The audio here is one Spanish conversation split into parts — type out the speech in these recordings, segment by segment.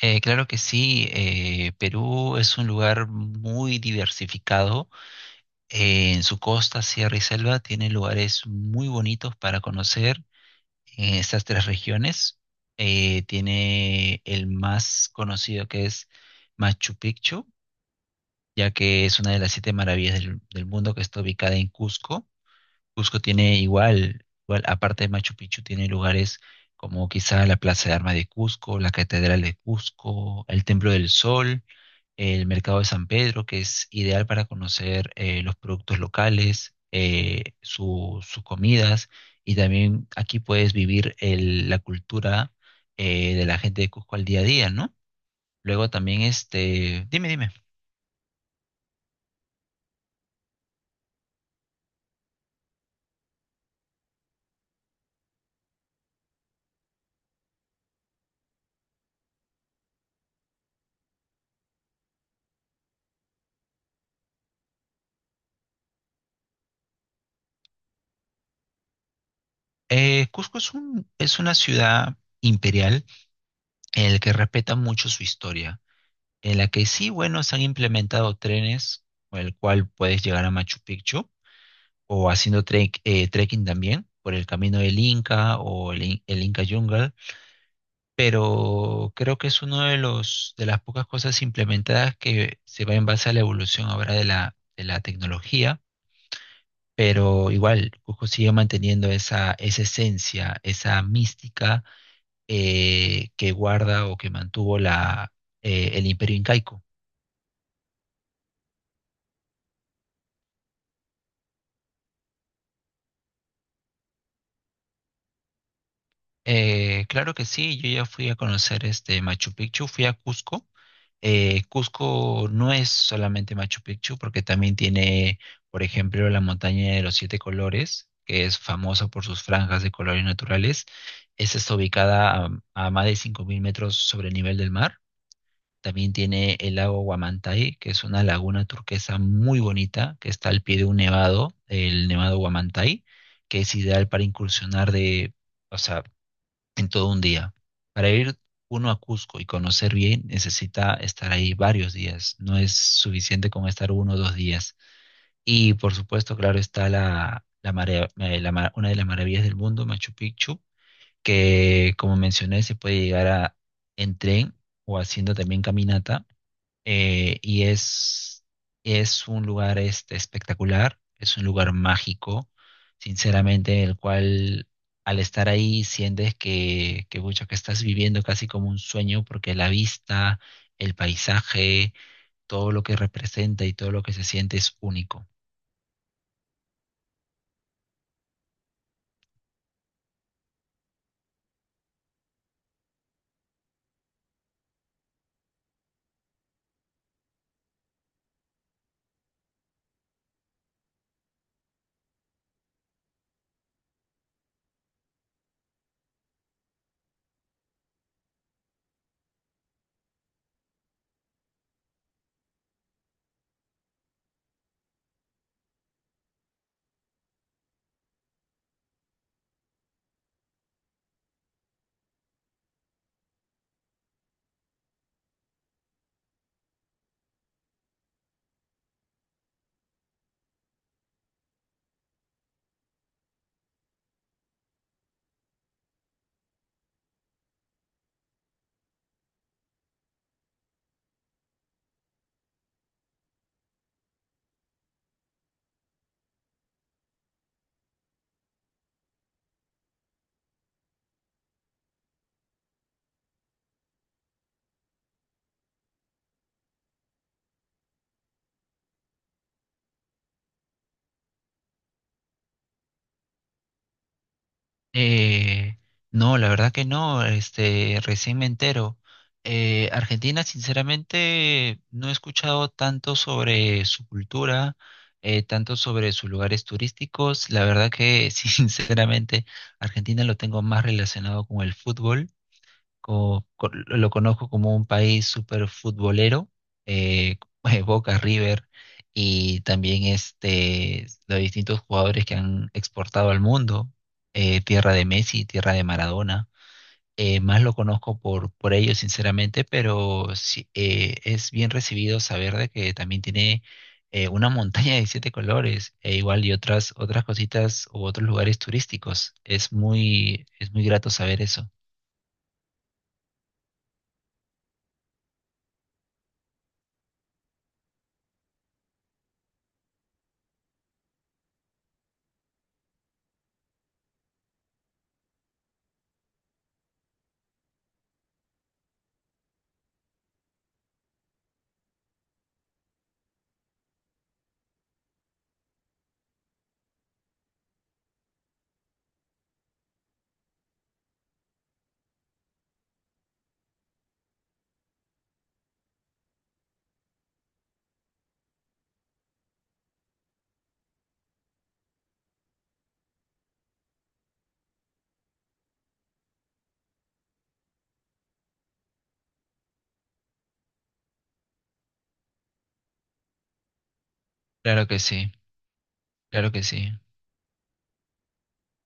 Claro que sí, Perú es un lugar muy diversificado. En su costa, sierra y selva tiene lugares muy bonitos para conocer en estas tres regiones. Tiene el más conocido, que es Machu Picchu, ya que es una de las siete maravillas del mundo, que está ubicada en Cusco. Cusco tiene igual, igual, aparte de Machu Picchu, tiene lugares como quizá la Plaza de Armas de Cusco, la Catedral de Cusco, el Templo del Sol, el mercado de San Pedro, que es ideal para conocer los productos locales, sus comidas, y también aquí puedes vivir la cultura de la gente de Cusco al día a día, ¿no? Luego también, dime, dime. Cusco es es una ciudad imperial en la que respeta mucho su historia, en la que sí, bueno, se han implementado trenes con el cual puedes llegar a Machu Picchu, o haciendo trekking también por el camino del Inca o el Inca Jungle, pero creo que es uno de las pocas cosas implementadas que se va en base a la evolución ahora de la, tecnología, pero igual Cusco sigue manteniendo esa esencia, esa mística que guarda o que mantuvo el Imperio Incaico. Claro que sí, yo ya fui a conocer este Machu Picchu, fui a Cusco. Cusco no es solamente Machu Picchu, porque también tiene, por ejemplo, la montaña de los siete colores, que es famosa por sus franjas de colores naturales. Esta está ubicada a más de 5000 metros sobre el nivel del mar. También tiene el lago Huamantay, que es una laguna turquesa muy bonita, que está al pie de un nevado, el nevado Huamantay, que es ideal para incursionar de. O sea, en todo un día. Para ir uno a Cusco y conocer bien, necesita estar ahí varios días. No es suficiente con estar uno o 2 días. Y por supuesto, claro, está la, una de las maravillas del mundo, Machu Picchu, que, como mencioné, se puede llegar en tren o haciendo también caminata, y es un lugar espectacular, es un lugar mágico, sinceramente, el cual, al estar ahí, sientes mucho que estás viviendo casi como un sueño, porque la vista, el paisaje, todo lo que representa y todo lo que se siente es único. Eh, no, la verdad que no, recién me entero. Argentina, sinceramente, no he escuchado tanto sobre su cultura, tanto sobre sus lugares turísticos. La verdad que, sinceramente, Argentina lo tengo más relacionado con el fútbol, lo conozco como un país súper futbolero, eh, Boca, River, y también los distintos jugadores que han exportado al mundo, tierra de Messi, tierra de Maradona. Más lo conozco por ellos, sinceramente, pero sí, es bien recibido saber de que también tiene una montaña de siete colores, e igual y otras cositas u otros lugares turísticos. Es muy grato saber eso. Claro que sí. Claro que sí,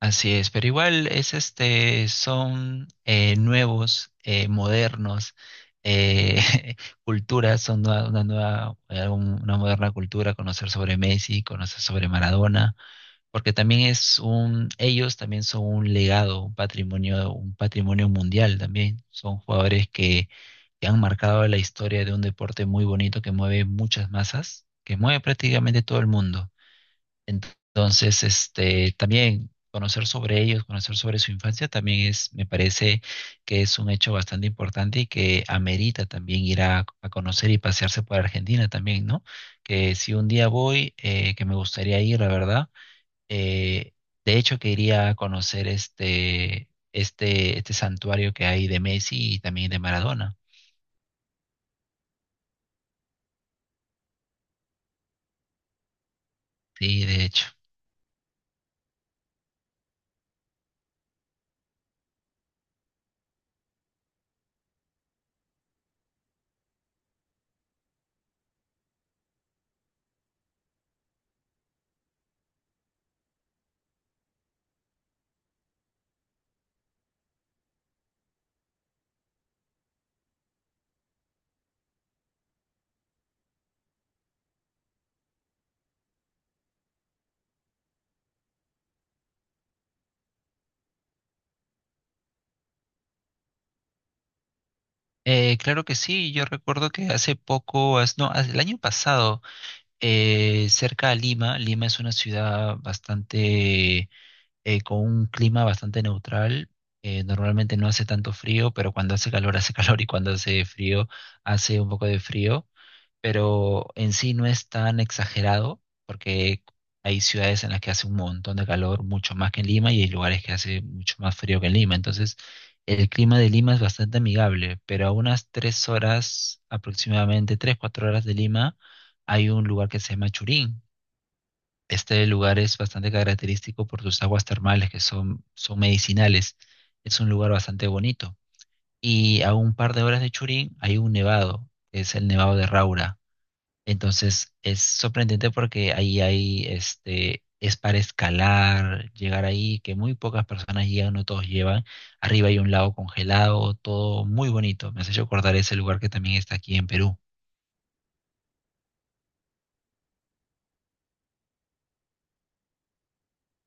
así es, pero igual es son nuevos, modernos, eh, culturas, son una moderna cultura, conocer sobre Messi, conocer sobre Maradona, porque también ellos también son un legado, un patrimonio mundial también, son jugadores que han marcado la historia de un deporte muy bonito que mueve muchas masas, que mueve prácticamente todo el mundo. Entonces, también conocer sobre ellos, conocer sobre su infancia, también es, me parece que es un hecho bastante importante y que amerita también ir a conocer y pasearse por Argentina también, ¿no? Que si un día voy, que me gustaría ir, la verdad, eh, de hecho que iría a conocer este santuario que hay de Messi y también de Maradona, sí, de hecho. Claro que sí, yo recuerdo que hace poco, no, el año pasado, cerca a Lima. Lima es una ciudad con un clima bastante neutral. Normalmente no hace tanto frío, pero cuando hace calor hace calor y cuando hace frío hace un poco de frío, pero en sí no es tan exagerado, porque hay ciudades en las que hace un montón de calor, mucho más que en Lima, y hay lugares que hace mucho más frío que en Lima. Entonces, el clima de Lima es bastante amigable, pero a unas 3 horas aproximadamente, 3, 4 horas de Lima, hay un lugar que se llama Churín. Este lugar es bastante característico por sus aguas termales, que son, medicinales. Es un lugar bastante bonito. Y a un par de horas de Churín hay un nevado, que es el Nevado de Raura. Entonces es sorprendente, porque ahí hay, es para escalar, llegar ahí, que muy pocas personas llegan, no todos llevan. Arriba hay un lago congelado, todo muy bonito. Me has hecho acordar ese lugar que también está aquí en Perú.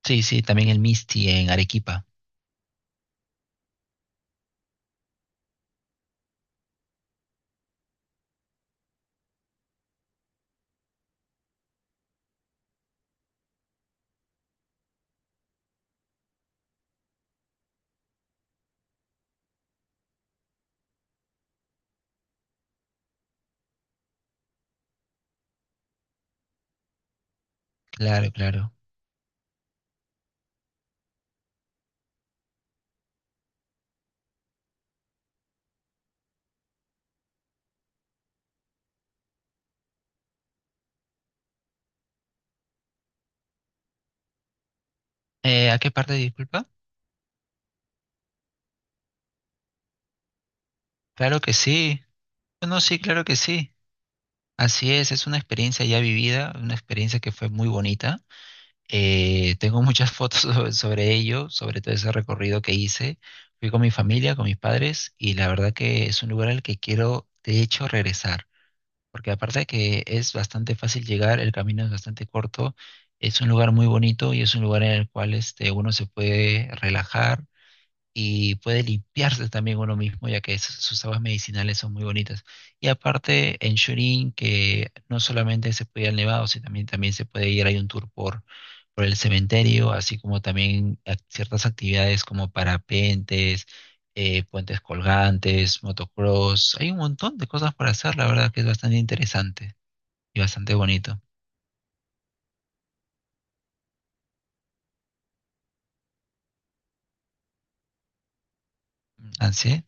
Sí, sí, también el Misti en Arequipa. Claro, claro. ¿A qué parte, disculpa? Claro que sí. No, sí, claro que sí. Así es una experiencia ya vivida, una experiencia que fue muy bonita. Tengo muchas fotos sobre ello, sobre todo ese recorrido que hice. Fui con mi familia, con mis padres, y la verdad que es un lugar al que quiero, de hecho, regresar, porque aparte de que es bastante fácil llegar, el camino es bastante corto, es un lugar muy bonito y es un lugar en el cual, uno se puede relajar y puede limpiarse también uno mismo, ya que sus, aguas medicinales son muy bonitas. Y aparte, en Churín, que no solamente se puede ir al Nevado, sino también, se puede ir, hay un tour por el cementerio, así como también ciertas actividades como parapentes, puentes colgantes, motocross. Hay un montón de cosas por hacer, la verdad que es bastante interesante y bastante bonito. Así,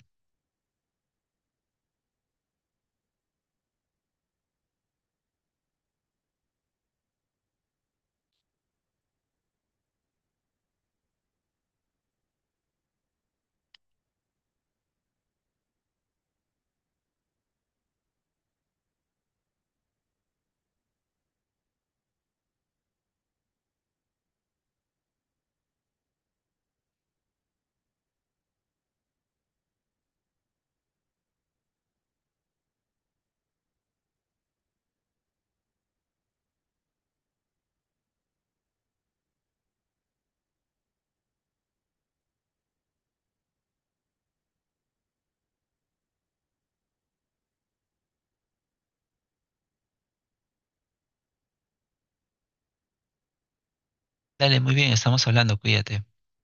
dale, muy bien, estamos hablando, cuídate.